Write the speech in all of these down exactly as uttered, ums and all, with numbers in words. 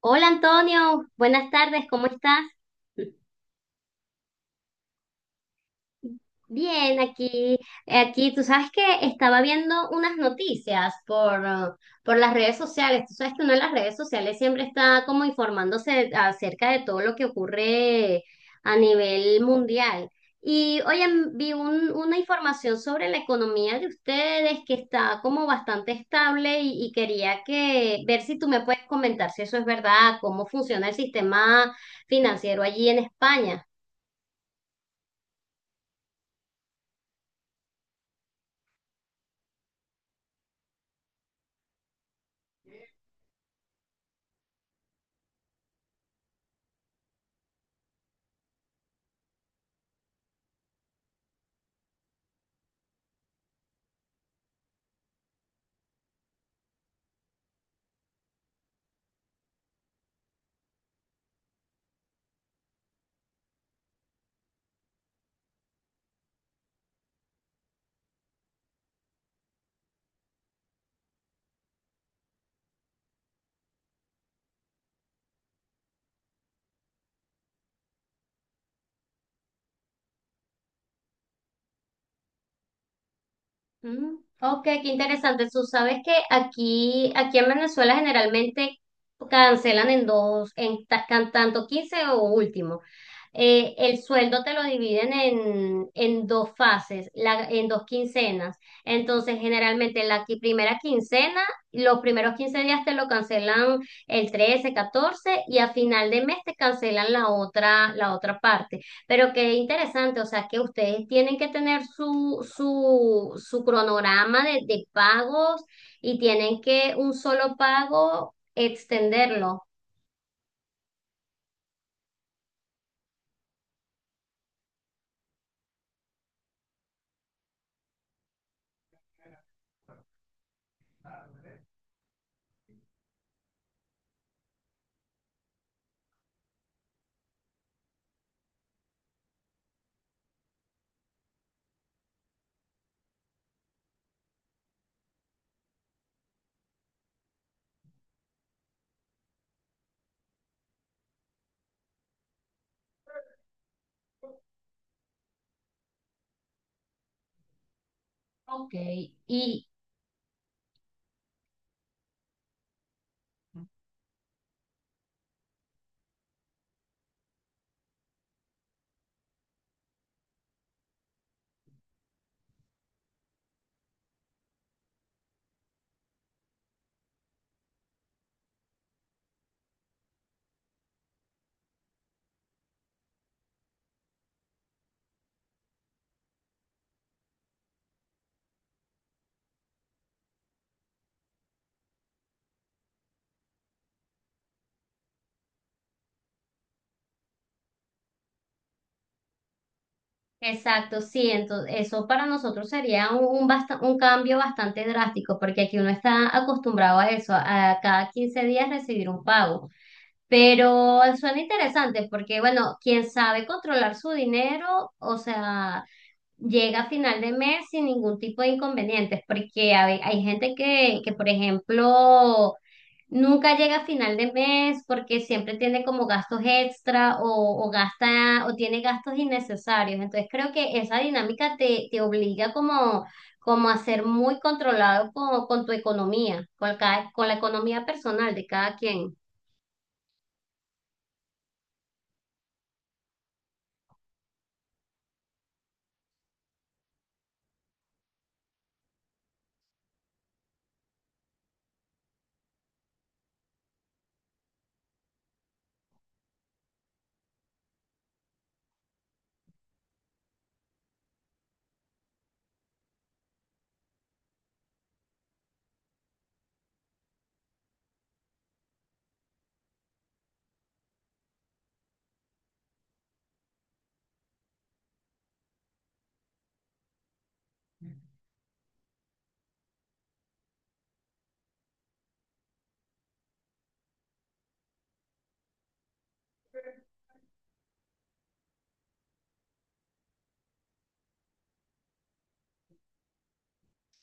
Hola Antonio, buenas tardes, ¿cómo estás? Bien, aquí, aquí, tú sabes que estaba viendo unas noticias por, uh, por las redes sociales. Tú sabes que uno en las redes sociales siempre está como informándose acerca de todo lo que ocurre a nivel mundial. Y oye, m- vi un- una información sobre la economía de ustedes que está como bastante estable, y, y quería que ver si tú me puedes comentar si eso es verdad, cómo funciona el sistema financiero allí en España. Mm, Ok, qué interesante. Tú sabes que aquí, aquí en Venezuela generalmente cancelan en dos, en ta- can- tanto quince o último. Eh, el sueldo te lo dividen en, en dos fases, la- en dos quincenas. Entonces, generalmente la qui- primera quincena, los primeros quince días te lo cancelan el trece, catorce, y a final de mes te cancelan la otra, la otra parte. Pero qué interesante, o sea, que ustedes tienen que tener su, su, su cronograma de, de pagos y tienen que un solo pago extenderlo. Ok, y exacto, sí, entonces eso para nosotros sería un, un, basta- un cambio bastante drástico, porque aquí uno está acostumbrado a eso, a cada quince días recibir un pago. Pero suena interesante porque, bueno, quien sabe controlar su dinero, o sea, llega a final de mes sin ningún tipo de inconvenientes, porque hay, hay gente que, que, por ejemplo, nunca llega a final de mes porque siempre tiene como gastos extra o, o gasta o tiene gastos innecesarios. Entonces creo que esa dinámica te, te obliga como, como a ser muy controlado con, con tu economía, con, cada- con la economía personal de cada quien.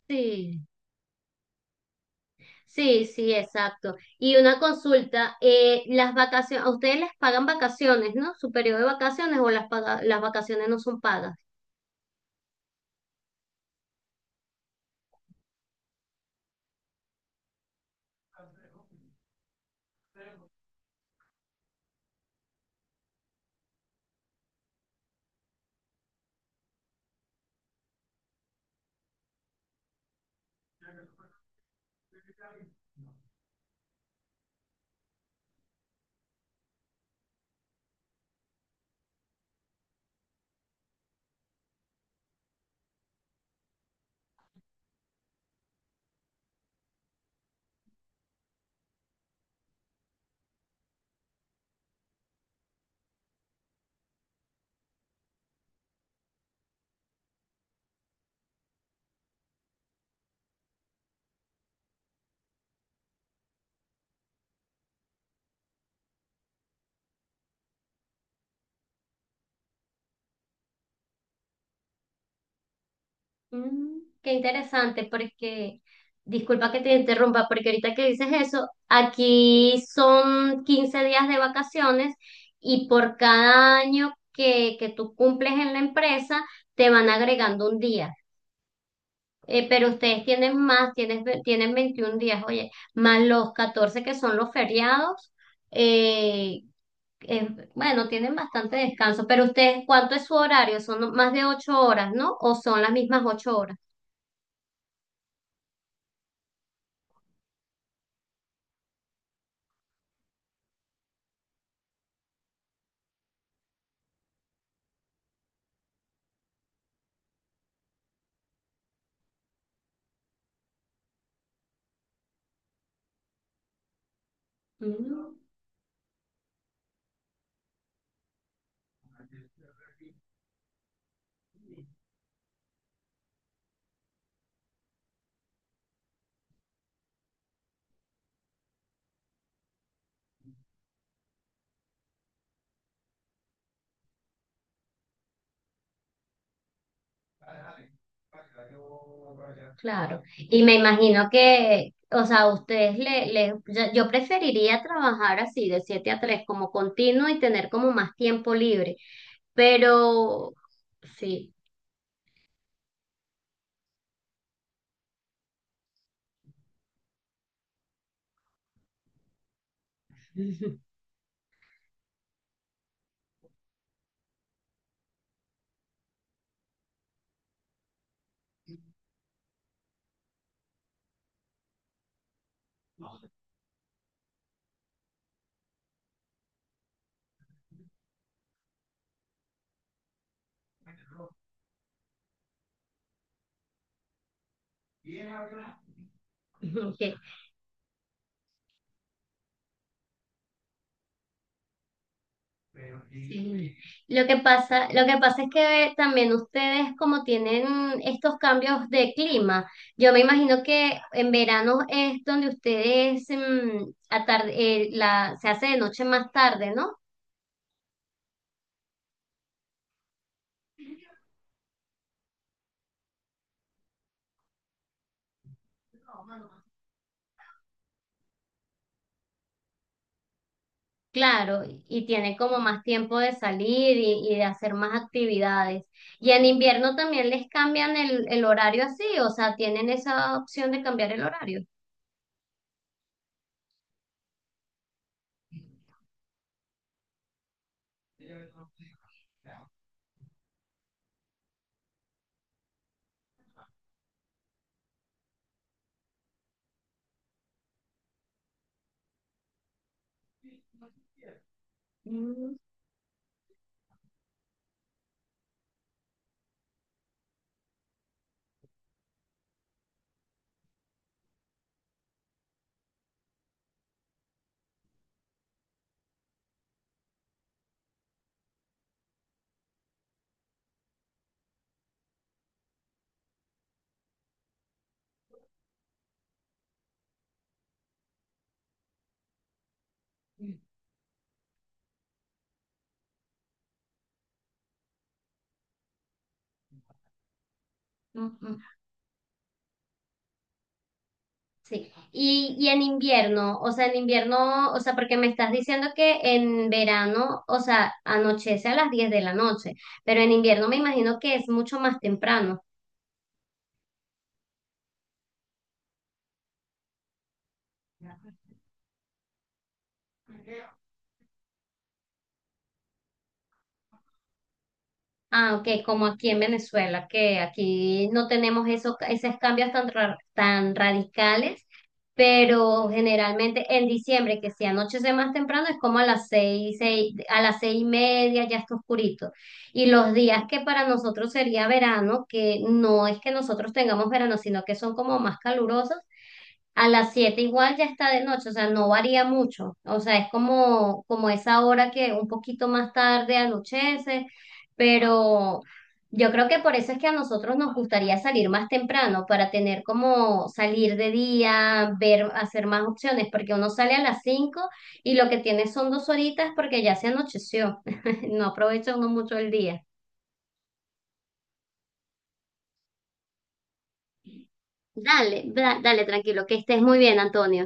Sí, Sí, sí, exacto. Y una consulta, eh, las vacaciones, a ustedes les pagan vacaciones, ¿no? Su periodo de vacaciones o las, paga- las vacaciones no son pagas. Mm, qué interesante, porque disculpa que te interrumpa, porque ahorita que dices eso, aquí son quince días de vacaciones y por cada año que, que tú cumples en la empresa, te van agregando un día. Eh, pero ustedes tienen más, tienen, ve- tienen veintiún días, oye, más los catorce que son los feriados. eh, eh, bueno, tienen bastante descanso, pero ustedes, ¿cuánto es su horario? Son más de ocho horas, ¿no? ¿O son las mismas ocho horas? Mm, claro. Y me imagino que, o sea, a ustedes le, le- yo yo preferiría trabajar así, de siete a tres como continuo y tener como más tiempo libre, pero sí. Sí. Lo que pasa, lo que pasa es que también ustedes como tienen estos cambios de clima, yo me imagino que en verano es donde ustedes mm, atar- eh, la, se hace de noche más tarde, ¿no? Claro, y tienen como más tiempo de salir y, y de hacer más actividades. Y en invierno también les cambian el, el horario así, o sea, tienen esa opción de cambiar el horario. Mm, mm, mm. Sí, y, y en invierno, o sea, en invierno, o sea, porque me estás diciendo que en verano, o sea, anochece a las diez de la noche, pero en invierno me imagino que es mucho más temprano. Ah, ok, como aquí en Venezuela, que aquí no tenemos esos, esos cambios tan, ra- tan radicales, pero generalmente en diciembre, que si anochece más temprano, es como a las seis, seis- a las seis y media ya está oscurito. Y los días que para nosotros sería verano, que no es que nosotros tengamos verano, sino que son como más calurosos, a las siete igual ya está de noche, o sea, no varía mucho. O sea, es como, como esa hora que un poquito más tarde anochece, pero yo creo que por eso es que a nosotros nos gustaría salir más temprano, para tener como salir de día, ver, hacer más opciones, porque uno sale a las cinco y lo que tiene son dos horitas porque ya se anocheció. No aprovecha uno mucho el día. Dale, da- dale, tranquilo, que estés muy bien, Antonio.